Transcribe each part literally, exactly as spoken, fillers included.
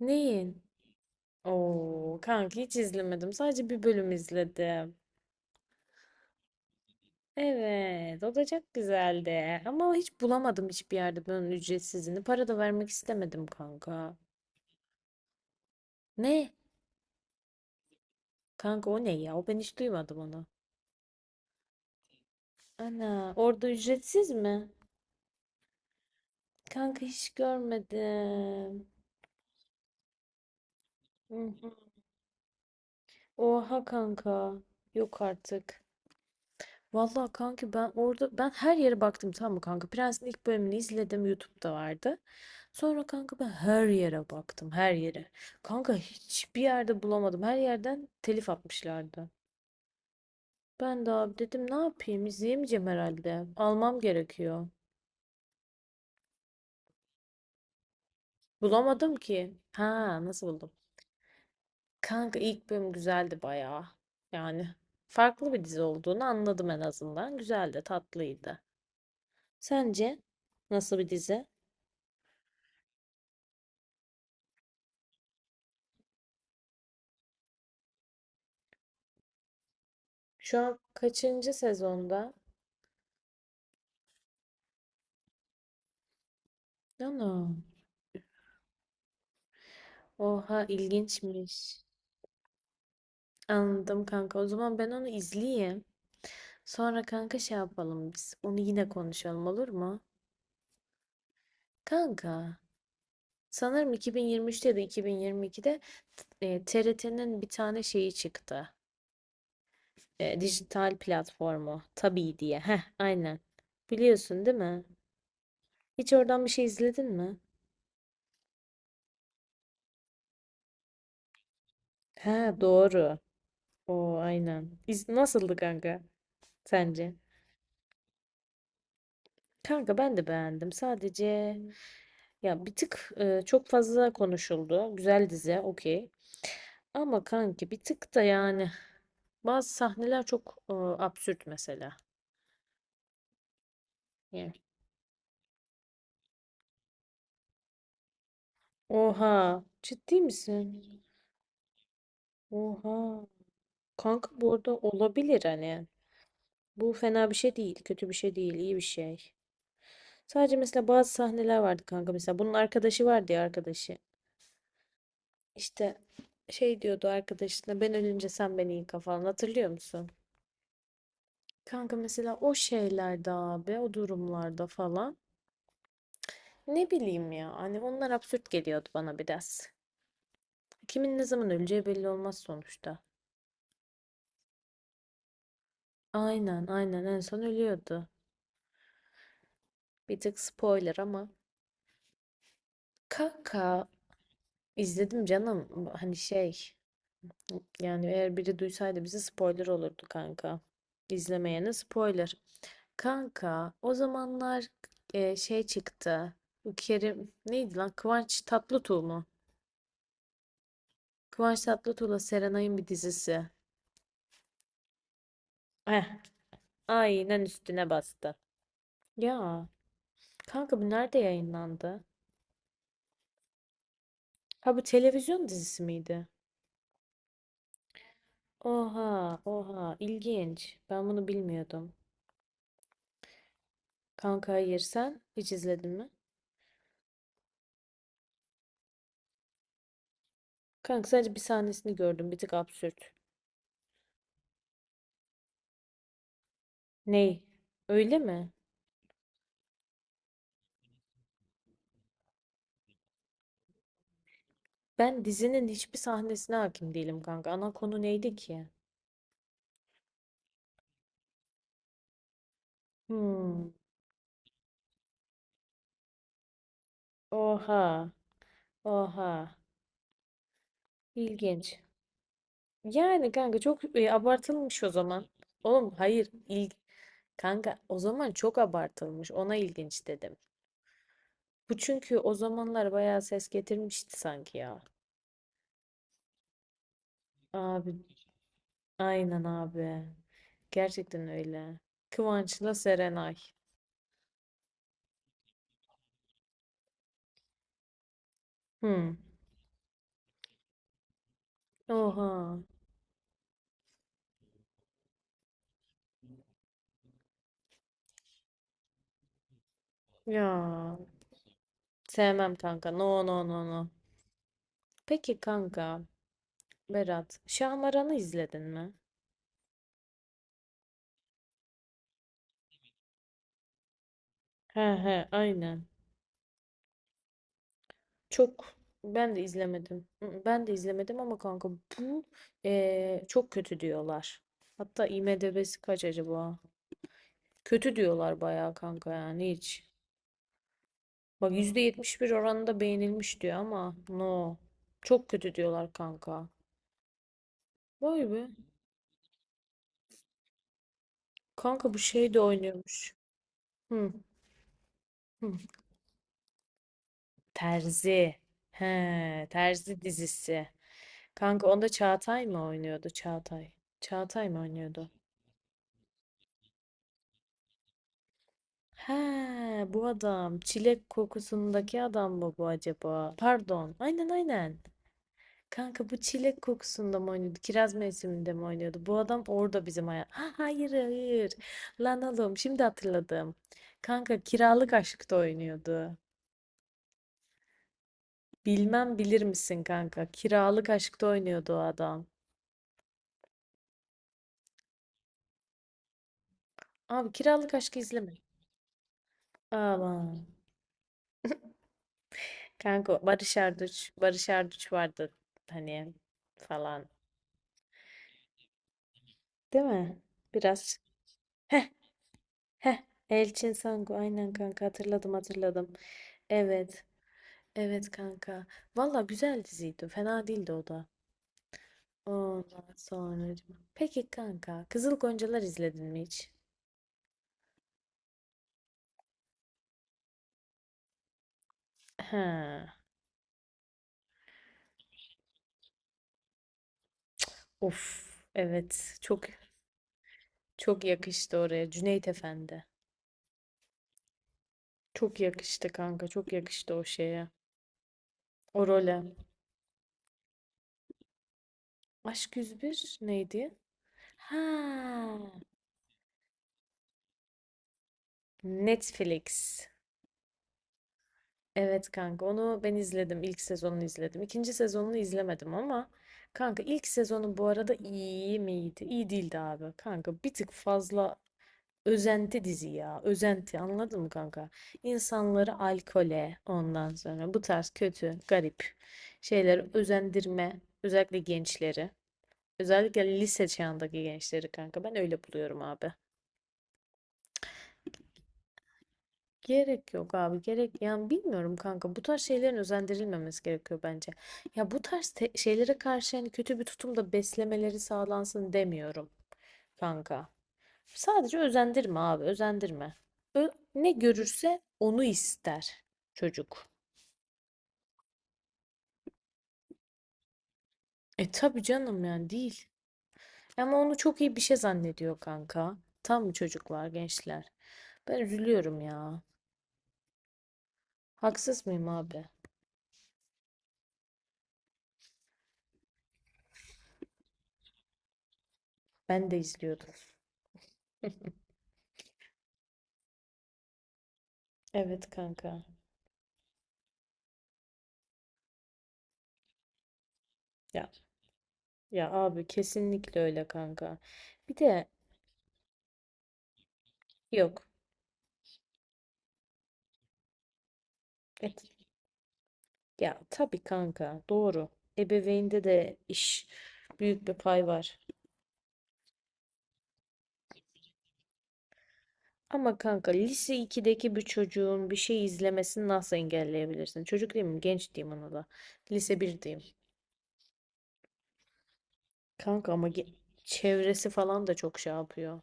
Neyin? Oo, kanka hiç izlemedim. Sadece bir bölüm izledim. Evet, o da çok güzeldi. Ama hiç bulamadım hiçbir yerde bunun ücretsizini. Para da vermek istemedim kanka. Ne? Kanka o ne ya? O ben hiç duymadım onu. Ana, orada ücretsiz mi? Kanka hiç görmedim. Hı hı. Oha kanka. Yok artık. Vallahi kanka ben orada ben her yere baktım tamam mı kanka? Prens'in ilk bölümünü izledim, YouTube'da vardı. Sonra kanka ben her yere baktım, her yere. Kanka hiçbir yerde bulamadım. Her yerden telif atmışlardı. Ben de abi dedim ne yapayım? İzleyemeyeceğim herhalde. Almam gerekiyor. Bulamadım ki. Ha, nasıl buldum? Kanka ilk bölüm güzeldi bayağı. Yani farklı bir dizi olduğunu anladım en azından. Güzeldi, tatlıydı. Sence nasıl bir dizi? Şu an kaçıncı sezonda? Ana. Oha, ilginçmiş. Anladım kanka. O zaman ben onu izleyeyim. Sonra kanka şey yapalım biz. Onu yine konuşalım, olur mu? Kanka, sanırım iki bin yirmi üçte ya da iki bin yirmi ikide e, T R T'nin bir tane şeyi çıktı. E, dijital platformu. Tabii diye. Heh, aynen. Biliyorsun değil mi? Hiç oradan bir şey izledin mi? Ha, doğru. O aynen. İz nasıldı kanka sence? Kanka ben de beğendim. Sadece ya bir tık e, çok fazla konuşuldu. Güzel dizi, okey. Ama kanki bir tık da yani bazı sahneler çok e, absürt mesela. Yani. Oha, ciddi misin? Oha. Kanka bu arada olabilir hani. Bu fena bir şey değil, kötü bir şey değil, iyi bir şey. Sadece mesela bazı sahneler vardı kanka mesela. Bunun arkadaşı vardı ya, arkadaşı. İşte şey diyordu arkadaşına, ben ölünce sen beni yıka falan, hatırlıyor musun? Kanka mesela o şeylerde abi, o durumlarda falan. Ne bileyim ya, hani onlar absürt geliyordu bana biraz. Kimin ne zaman öleceği belli olmaz sonuçta. Aynen aynen, en son ölüyordu. Bir tık spoiler ama. Kaka, izledim canım. Hani şey, yani eğer biri duysaydı bize spoiler olurdu kanka. İzlemeyene spoiler. Kanka o zamanlar e, şey çıktı. Bu Kerim neydi lan? Kıvanç Tatlıtuğ mu? Kıvanç Tatlıtuğ'la Serenay'ın bir dizisi. Eh, aynen üstüne bastı. Ya kanka, bu nerede yayınlandı? Ha, bu televizyon dizisi miydi? Oha, oha, ilginç. Ben bunu bilmiyordum. Kanka hayır, sen hiç izledin mi? Kanka sadece bir sahnesini gördüm, bir tık absürt. Ney? Öyle mi? Ben dizinin hiçbir sahnesine hakim değilim kanka. Ana konu neydi ki? Hmm. Oha, oha, ilginç. Yani kanka çok e, abartılmış o zaman. Oğlum hayır, il kanka o zaman çok abartılmış. Ona ilginç dedim. Bu çünkü o zamanlar bayağı ses getirmişti sanki ya. Abi, aynen abi. Gerçekten öyle. Kıvanç'la Serenay. Hmm. Oha. Ya. Sevmem kanka. No no no no. Peki kanka. Berat, Şahmaran'ı izledin mi? He he, aynen. Çok. Ben de izlemedim. Mm, Ben de izlemedim ama kanka bu eee, çok kötü diyorlar. Hatta I M D B'si kaç acaba? Kötü diyorlar bayağı kanka, yani hiç. Bak, yüzde yetmiş bir oranında beğenilmiş diyor ama no. Çok kötü diyorlar kanka. Vay be. Kanka bu şey de oynuyormuş. Hı, hı. Terzi. He, Terzi dizisi. Kanka onda Çağatay mı oynuyordu? Çağatay. Çağatay mı oynuyordu? He, bu adam. Çilek kokusundaki adam mı bu acaba? Pardon. Aynen aynen. Kanka bu çilek kokusunda mı oynuyordu? Kiraz mevsiminde mi oynuyordu? Bu adam orada bizim hayat. Ha, hayır hayır. Lan oğlum, şimdi hatırladım. Kanka, kiralık aşkta oynuyordu. Bilmem bilir misin kanka? Kiralık aşkta oynuyordu o adam. Abi, kiralık aşkı izleme. Aman. Kanka Barış Arduç. Barış Arduç vardı. Hani falan. Değil mi? Biraz. Heh heh. Elçin Sangu. Aynen kanka, hatırladım hatırladım. Evet. Evet kanka. Valla güzel diziydi. Fena değildi o da. Ondan sonra. Peki kanka. Kızıl Goncalar izledin mi hiç? Ha. Of. Evet. Çok çok yakıştı oraya. Cüneyt Efendi. Çok yakıştı kanka. Çok yakıştı o şeye. O role. Aşk yüz bir neydi? Ha. Netflix. Evet kanka, onu ben izledim. İlk sezonunu izledim. İkinci sezonunu izlemedim ama kanka, ilk sezonu bu arada iyi miydi? İyi değildi abi. Kanka bir tık fazla özenti dizi ya. Özenti, anladın mı kanka? İnsanları alkole, ondan sonra bu tarz kötü, garip şeyleri özendirme. Özellikle gençleri. Özellikle lise çağındaki gençleri kanka. Ben öyle buluyorum abi. Gerek yok abi, gerek, yani bilmiyorum kanka, bu tarz şeylerin özendirilmemesi gerekiyor bence. Ya bu tarz te- şeylere karşı yani kötü bir tutumda beslemeleri sağlansın demiyorum kanka. Sadece özendirme abi, özendirme. Ö- ne görürse onu ister çocuk. E tabii canım, yani değil. Ama onu çok iyi bir şey zannediyor kanka. Tam çocuklar, gençler? Ben üzülüyorum ya. Haksız mıyım abi? Ben de izliyordum. Evet kanka. Ya Ya abi, kesinlikle öyle kanka. Bir de yok. et- Ya tabii kanka, doğru. Ebeveynde de iş, büyük bir pay var. Ama kanka, lise ikideki bir çocuğun bir şey izlemesini nasıl engelleyebilirsin? Çocuk değil mi? Genç diyeyim ona da. Lise bir diyeyim. Kanka ama ge- çevresi falan da çok şey yapıyor.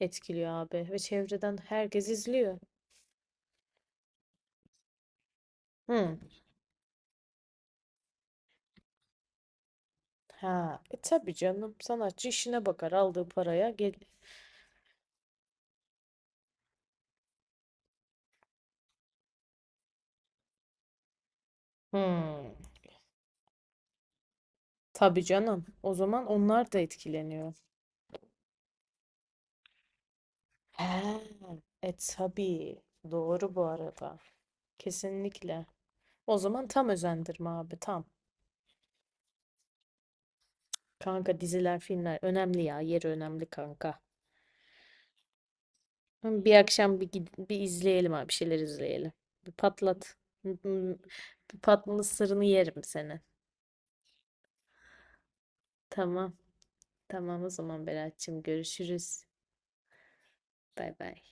Etkiliyor abi. Ve çevreden herkes izliyor. Hı. Ha. E tabii canım. Sanatçı işine bakar. Aldığı paraya gel. Hı. Tabii canım. O zaman onlar da etkileniyor. He, e tabii. Doğru bu arada. Kesinlikle. O zaman tam özendirme abi, tam. Kanka diziler, filmler önemli ya. Yeri önemli kanka. Hı, bir akşam bir, gid- bir izleyelim abi. Bir şeyler izleyelim. Bir patlat. Hı, hı. Bir patlı sırrını yerim seni. Tamam. Tamam o zaman Berat'cığım, görüşürüz. Bay bay.